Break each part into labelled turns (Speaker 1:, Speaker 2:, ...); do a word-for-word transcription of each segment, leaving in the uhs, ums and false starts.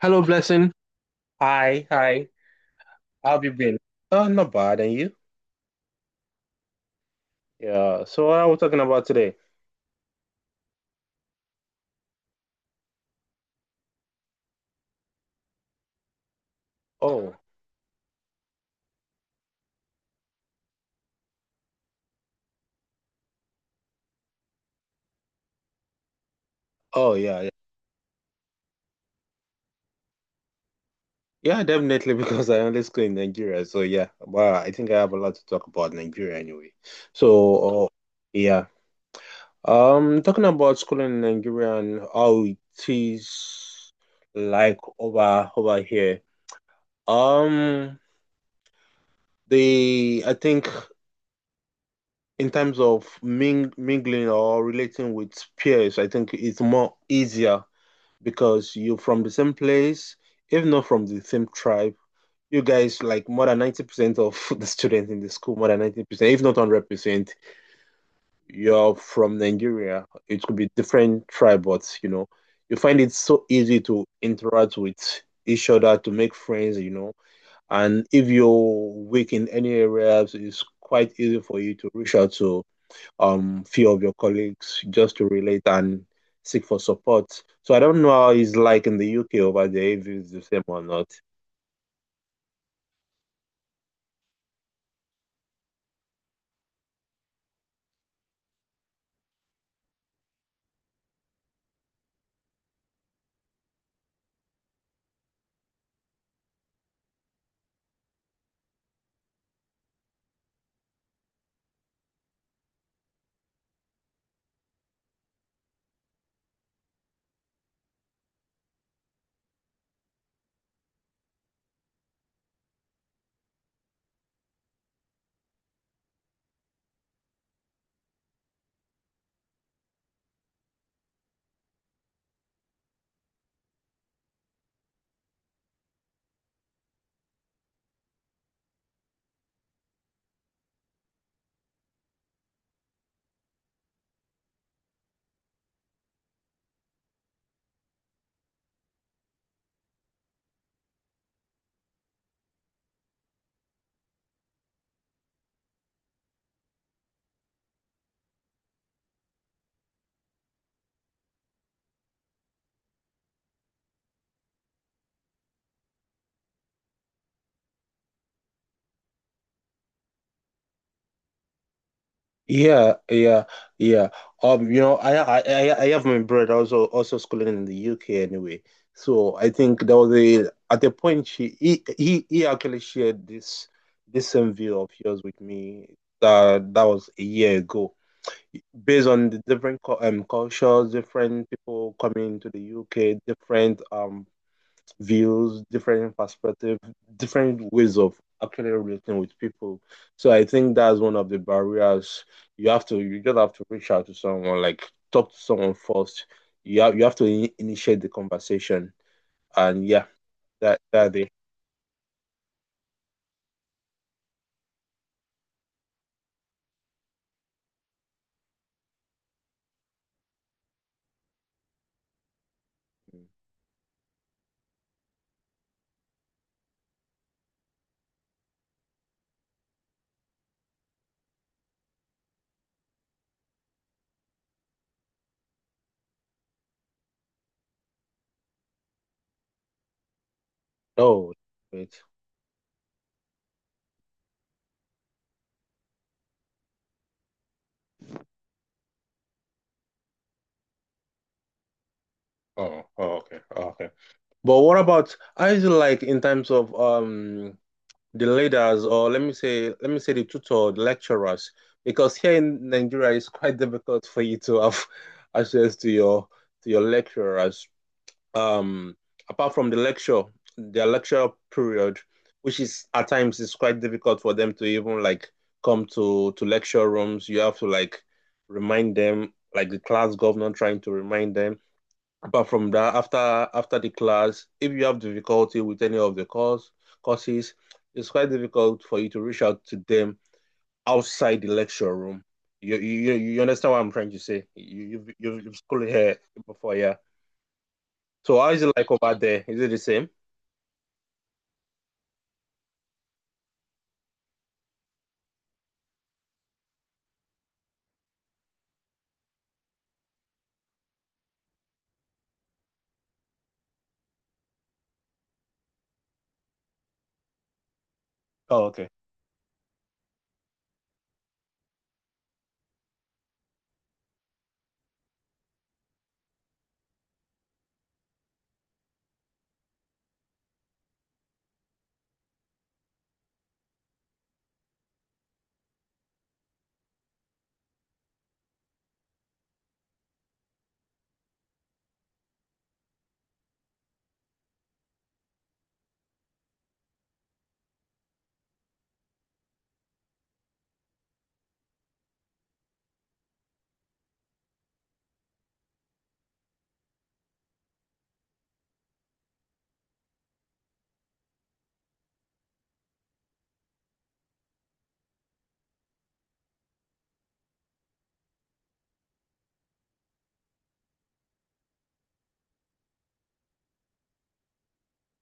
Speaker 1: Hello, Blessing. Hi, hi. How have you been? Uh, not bad. And you? Yeah. So what are we talking about today? Oh, oh yeah, yeah, yeah, definitely because I only school in Nigeria. So yeah, well, I think I have a lot to talk about Nigeria anyway. So, uh, yeah. Um, talking about school in Nigeria and how it is like over over here. Um, the I think in terms of ming mingling or relating with peers, I think it's more easier because you're from the same place, if not from the same tribe. You guys, like more than ninety percent of the students in the school, more than ninety percent, if not one hundred percent, you're from Nigeria. It could be different tribe, but you know, you find it so easy to interact with each other, to make friends, you know. And if you're weak in any areas, it's quite easy for you to reach out to um few of your colleagues just to relate and seek for support. So I don't know how it's like in the U K over there if it's the same or not. Yeah, yeah, yeah. Um, you know, I I I I have my brother also also schooling in the U K anyway. So I think there was a at the point she he he, he actually shared this this same view of yours with me. That that was a year ago. Based on the different cu- um cultures, different people coming to the U K, different um views, different perspective, different ways of actually relating with people. So I think that's one of the barriers. You have to you just have to reach out to someone, like talk to someone first. You have you have to in- initiate the conversation, and yeah, that that they. Oh wait. Oh, oh, okay, oh, okay. But what about how is it like in terms of um the leaders, or let me say, let me say the tutor, the lecturers, because here in Nigeria it's quite difficult for you to have access to your to your lecturers. Um, Apart from the lecture, their lecture period, which is at times is quite difficult for them to even like come to to lecture rooms. You have to like remind them, like the class governor trying to remind them. Apart from that, after after the class, if you have difficulty with any of the course courses, it's quite difficult for you to reach out to them outside the lecture room. You you you understand what I'm trying to say? You you've you've, you've schooled here before, yeah. So how is it like over there? Is it the same? Oh, okay.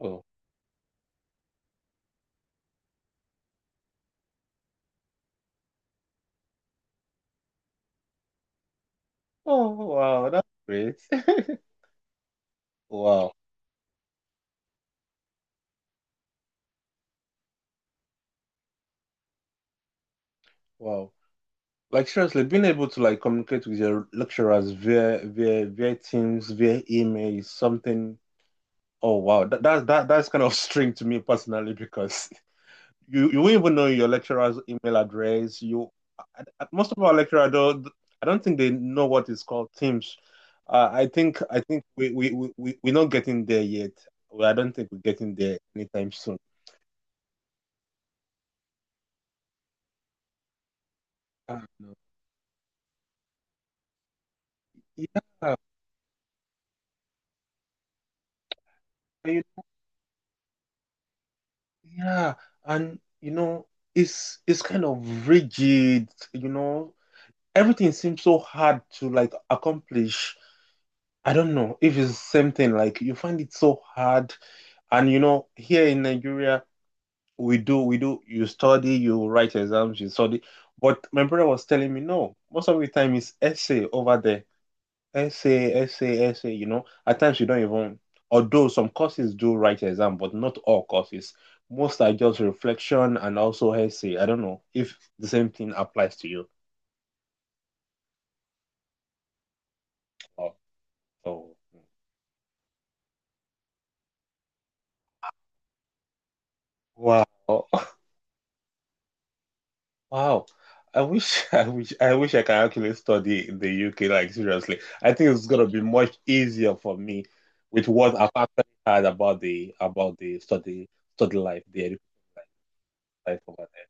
Speaker 1: Oh, oh wow, that's great. Wow, wow. Like seriously, being able to like communicate with your lecturers via via via Teams, via email is something. Oh wow, that, that that that's kind of strange to me personally because you you won't even know your lecturer's email address. You I- I- most of our lecturer though, I don't think they know what is called Teams. Uh, I think I think we we we we- we're not getting there yet. Well, I don't think we're getting there anytime soon. Ah, no. Yeah, I- yeah, and you know it's it's kind of rigid. You know everything seems so hard to like accomplish. I don't know if it's the same thing. Like you find it so hard, and you know, here in Nigeria, we do we do. You study, you write exams, you study. But my brother was telling me, no, most of the time it's essay over there, essay, essay, essay. You know, at times you don't even. Although some courses do write exam, but not all courses. Most are just reflection and also essay. I don't know if the same thing applies to you. Oh, oh, wow. Wow. I wish I wish I wish I can actually study in the U K, like seriously. I think it's gonna be much easier for me with what I've actually heard about the about the study study life, the education life over there.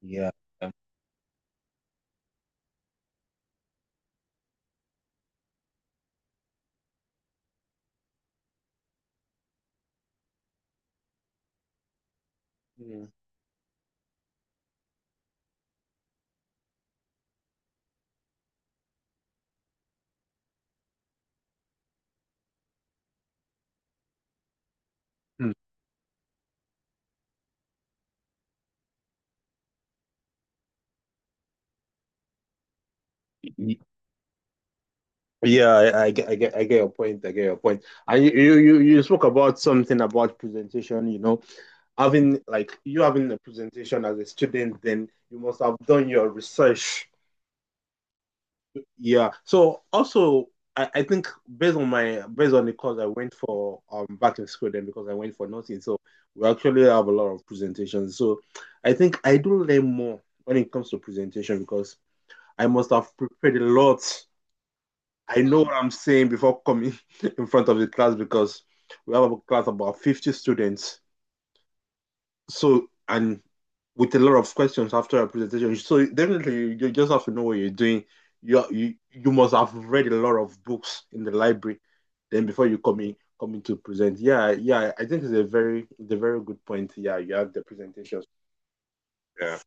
Speaker 1: Yeah. Mm. Mm. Y- Yeah, I, I get I get I get your point. I get your point. And you, you you you spoke about something about presentation, you know, having like you having a presentation as a student, then you must have done your research. Yeah. So also, I, I think based on my based on the course I went for um back in school then, because I went for nursing. So we actually have a lot of presentations. So I think I do learn more when it comes to presentation because I must have prepared a lot. I know what I'm saying before coming in front of the class because we have a class about fifty students. So and with a lot of questions after a presentation. So definitely you just have to know what you're doing. You you you must have read a lot of books in the library then before you come in come in to present. Yeah, yeah, I think it's a very it's a very good point. Yeah, you have the presentations. Yeah.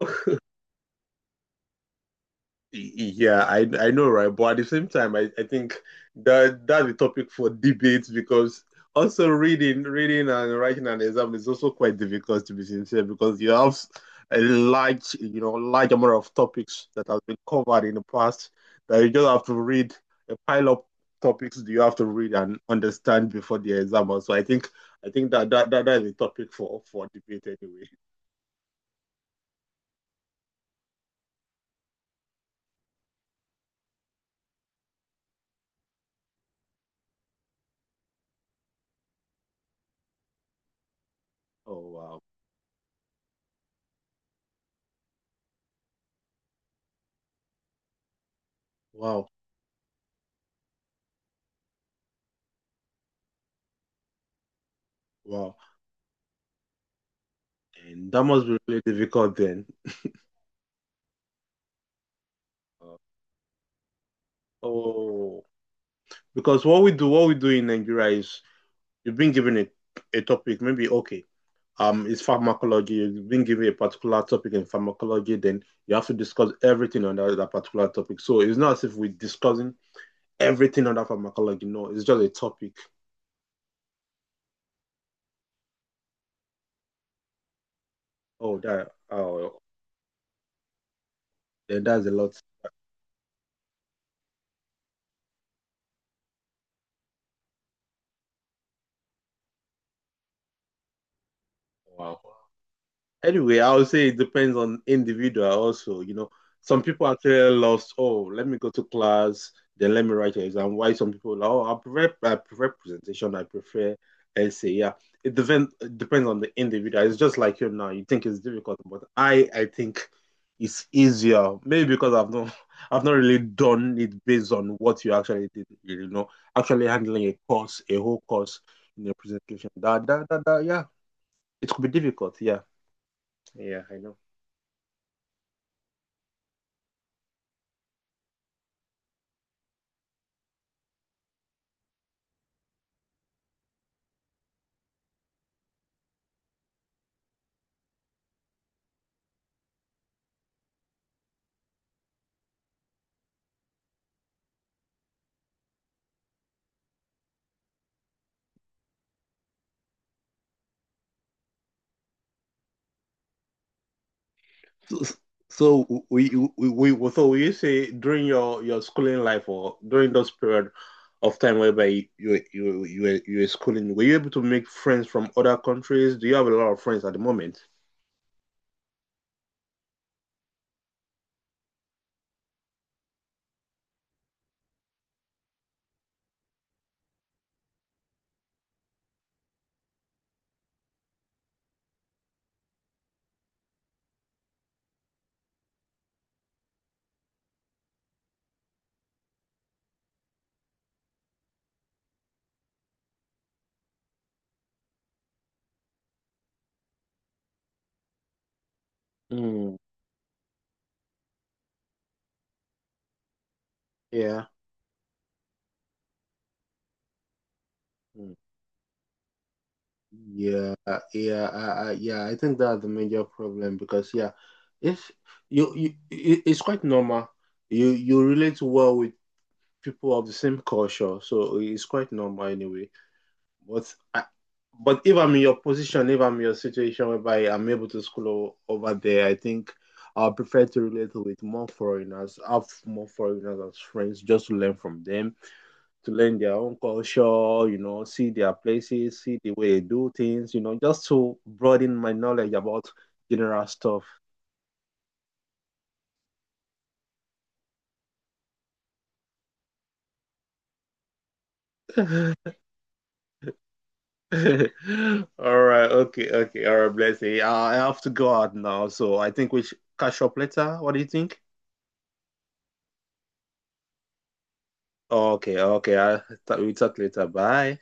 Speaker 1: Yeah, I I know, right? But at the same time, I, I think that that's a topic for debate because also reading reading and writing an exam is also quite difficult, to be sincere, because you have a large you know large amount of topics that have been covered in the past that you just have to read, a pile of topics that you have to read and understand before the exam. So I think I think that that that, that is a topic for for debate anyway. Oh wow, wow, wow, and that must be really difficult then. Uh, Oh, because what we do, what we do in Nigeria is you've been given a, a topic, maybe okay, um, it's pharmacology. You've been given a particular topic in pharmacology, then you have to discuss everything on that, that particular topic. So it's not as if we're discussing everything on that pharmacology. No, it's just a topic. Oh, that, oh, then that's a lot. Wow. Anyway, I would say it depends on individual also. You know, some people actually lost, oh, let me go to class, then let me write an exam. Why some people, like, oh, I prefer I prefer presentation, I prefer essay. Yeah. It depend it depends on the individual. It's just like you now. You think it's difficult, but I I think it's easier. Maybe because I've not I've not really done it based on what you actually did, you know, actually handling a course, a whole course in a presentation. That that that, that Yeah, it could be difficult, yeah. Yeah, I know. So, so we, we we So you say during your your schooling life or during those period of time whereby you you you you were, you were schooling, were you able to make friends from other countries? Do you have a lot of friends at the moment? Mm, yeah. Mm. Yeah, uh, yeah, I, I, yeah. I think that's the major problem because yeah, if you, you, it- it's quite normal. You, you relate well with people of the same culture, so it's quite normal anyway. But I, but if I'm in your position, if I'm in your situation whereby I'm able to school o- over there, I think I'll prefer to relate with more foreigners, have more foreigners as friends, just to learn from them, to learn their own culture, you know, see their places, see the way they do things, you know, just to broaden my knowledge about general stuff. All right, okay, okay, all right, bless you. I I have to go out now, so I think we should catch up later. What do you think? Okay, okay. I thought we talk later. Bye.